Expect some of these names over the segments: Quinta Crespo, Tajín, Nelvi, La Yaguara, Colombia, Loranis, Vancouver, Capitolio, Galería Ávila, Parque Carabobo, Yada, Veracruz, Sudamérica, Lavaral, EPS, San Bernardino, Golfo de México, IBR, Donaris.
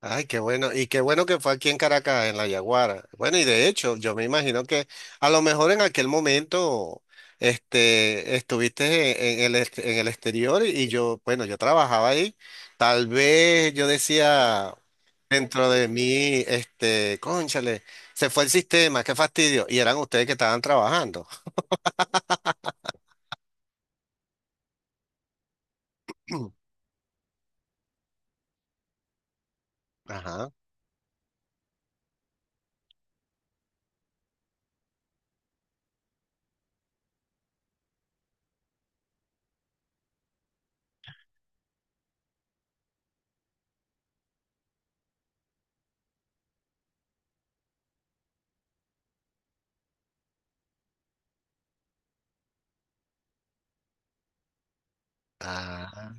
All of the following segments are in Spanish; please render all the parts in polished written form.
Ay, qué bueno. Y qué bueno que fue aquí en Caracas, en La Yaguara. Bueno, y de hecho, yo me imagino que a lo mejor en aquel momento estuviste en el exterior y yo, bueno, yo trabajaba ahí. Tal vez yo decía dentro de mí, cónchale, se fue el sistema, qué fastidio. Y eran ustedes que estaban trabajando. Ajá. Ah,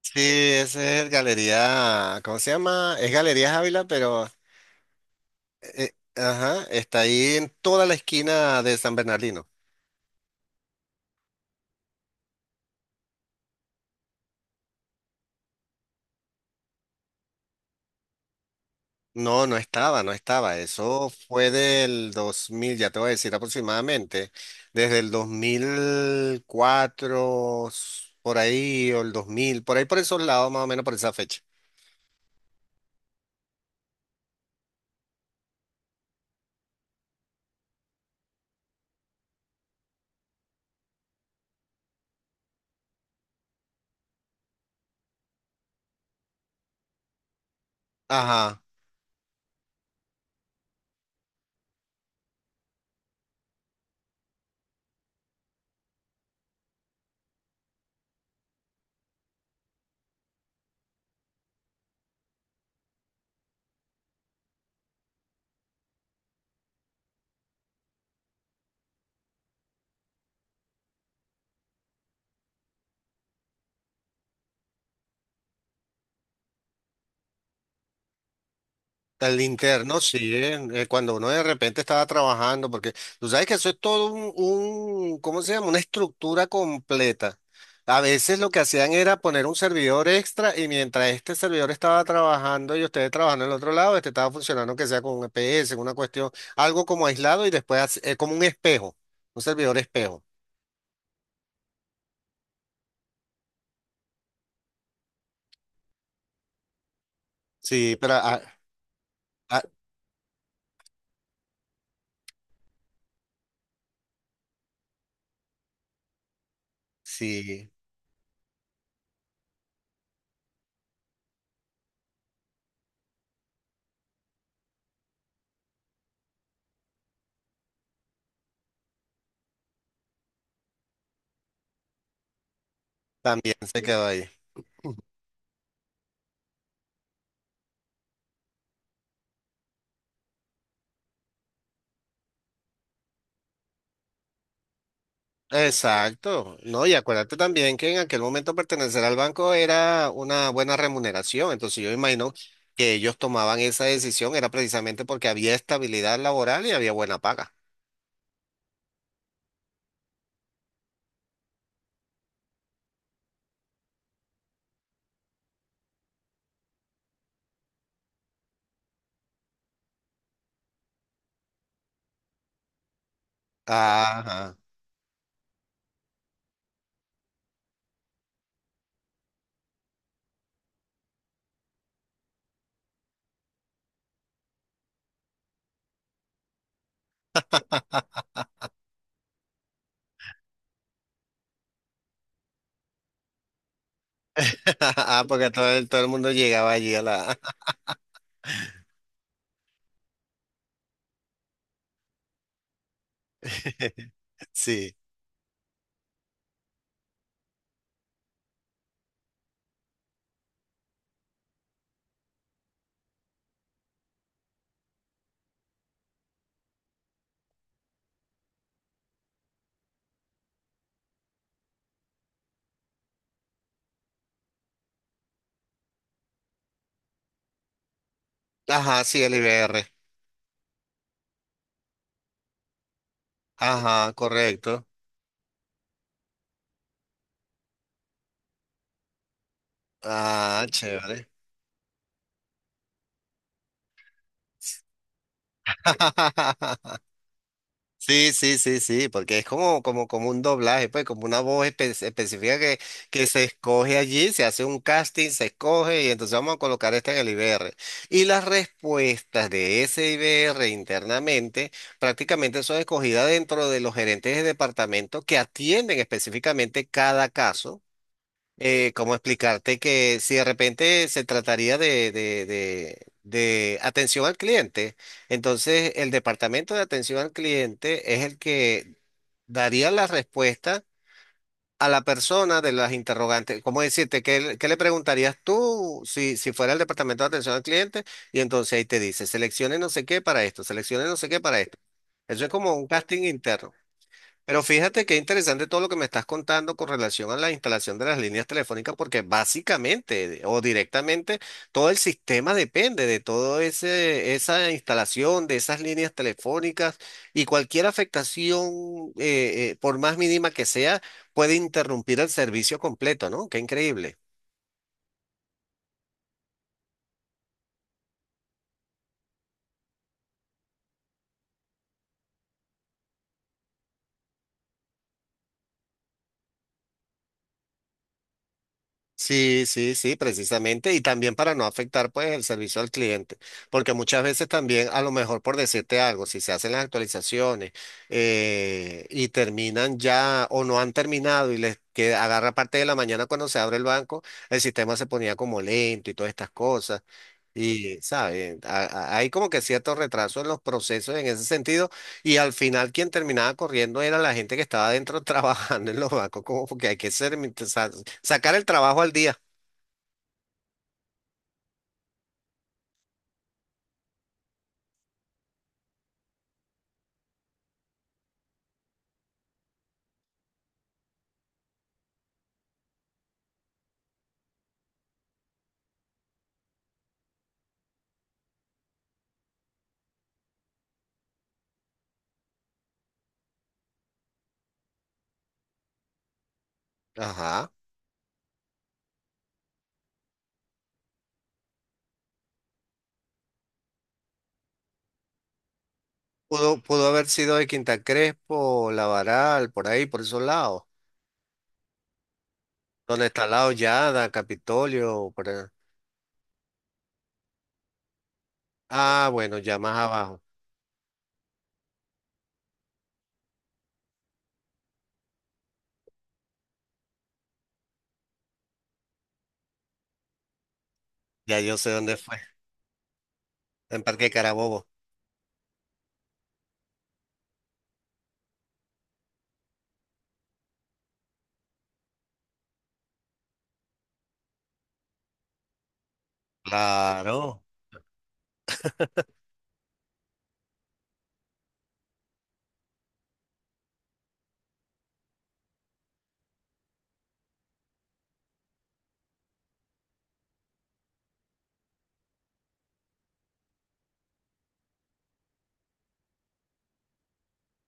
sí, ese es el Galería, ¿cómo se llama? Es Galería Ávila, pero ajá, está ahí en toda la esquina de San Bernardino. No, no estaba, no estaba. Eso fue del 2000, ya te voy a decir aproximadamente, desde el 2004, por ahí, o el 2000 por ahí por esos lados, más o menos por esa fecha. Ajá, al interno, sí, cuando uno de repente estaba trabajando, porque tú sabes que eso es todo un, ¿cómo se llama? Una estructura completa. A veces lo que hacían era poner un servidor extra y mientras este servidor estaba trabajando y ustedes trabajando en el otro lado, este estaba funcionando que sea con un EPS, una cuestión, algo como aislado y después como un espejo, un servidor espejo. Sí, pero ah, sí, también se quedó ahí. Exacto, ¿no? Y acuérdate también que en aquel momento pertenecer al banco era una buena remuneración, entonces yo imagino que ellos tomaban esa decisión era precisamente porque había estabilidad laboral y había buena paga. Ajá. Ah, porque todo el mundo llegaba allí a la… Sí. Ajá, sí, el IBR. Ajá, correcto. Ah, chévere. Sí, sí, sí, sí, porque es como un doblaje, pues, como una voz específica que se escoge allí, se hace un casting, se escoge y entonces vamos a colocar esta en el IBR. Y las respuestas de ese IBR internamente prácticamente son escogidas dentro de los gerentes de departamento que atienden específicamente cada caso. ¿cómo explicarte que si de repente se trataría de atención al cliente, entonces el departamento de atención al cliente es el que daría la respuesta a la persona de las interrogantes? ¿Cómo decirte? ¿ Qué le preguntarías tú si fuera el departamento de atención al cliente? Y entonces ahí te dice, seleccione no sé qué para esto, seleccione no sé qué para esto. Eso es como un casting interno. Pero fíjate qué interesante todo lo que me estás contando con relación a la instalación de las líneas telefónicas, porque básicamente o directamente todo el sistema depende de todo ese, esa instalación de esas líneas telefónicas y cualquier afectación, por más mínima que sea, puede interrumpir el servicio completo, ¿no? Qué increíble. Sí, sí, sí, precisamente. Y también para no afectar pues el servicio al cliente, porque muchas veces también a lo mejor por decirte algo, si se hacen las actualizaciones y terminan ya o no han terminado y les que agarra parte de la mañana cuando se abre el banco, el sistema se ponía como lento y todas estas cosas. Y, ¿sabes? Hay como que cierto retraso en los procesos en ese sentido y al final quien terminaba corriendo era la gente que estaba adentro trabajando en los bancos, como porque hay que sa- sacar el trabajo al día. Ajá. Pudo haber sido de Quinta Crespo, Lavaral, por ahí, por esos lados. Donde está al lado Yada, Capitolio, por ahí. Ah, bueno, ya más abajo. Ya yo sé dónde fue. En Parque Carabobo. Claro.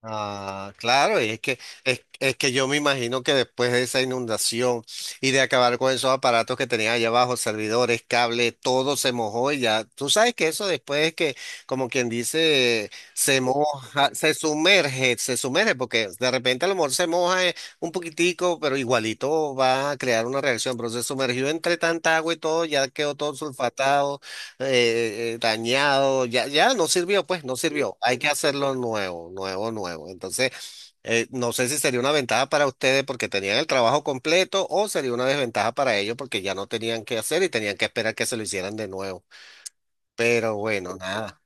Ah, claro, y es que yo me imagino que después de esa inundación y de acabar con esos aparatos que tenían allá abajo, servidores, cable, todo se mojó y ya, tú sabes que eso después es que, como quien dice, se moja, se sumerge, porque de repente a lo mejor se moja un poquitico, pero igualito va a crear una reacción, pero se sumergió entre tanta agua y todo, ya quedó todo sulfatado dañado, ya no sirvió, pues no sirvió. Hay que hacerlo nuevo, nuevo, nuevo. Entonces, no sé si sería una ventaja para ustedes porque tenían el trabajo completo o sería una desventaja para ellos porque ya no tenían que hacer y tenían que esperar que se lo hicieran de nuevo. Pero bueno, nada.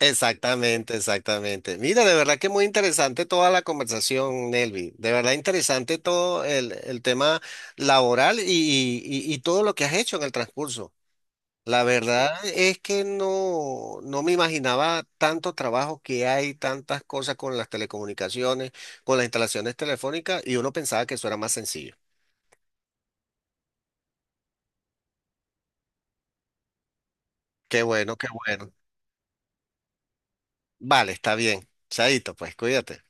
Exactamente, exactamente. Mira, de verdad que muy interesante toda la conversación, Nelvi. De verdad interesante todo el tema laboral y todo lo que has hecho en el transcurso. La verdad es que no me imaginaba tanto trabajo que hay, tantas cosas con las telecomunicaciones, con las instalaciones telefónicas, y uno pensaba que eso era más sencillo. Qué bueno, qué bueno. Vale, está bien. Chaito, pues cuídate.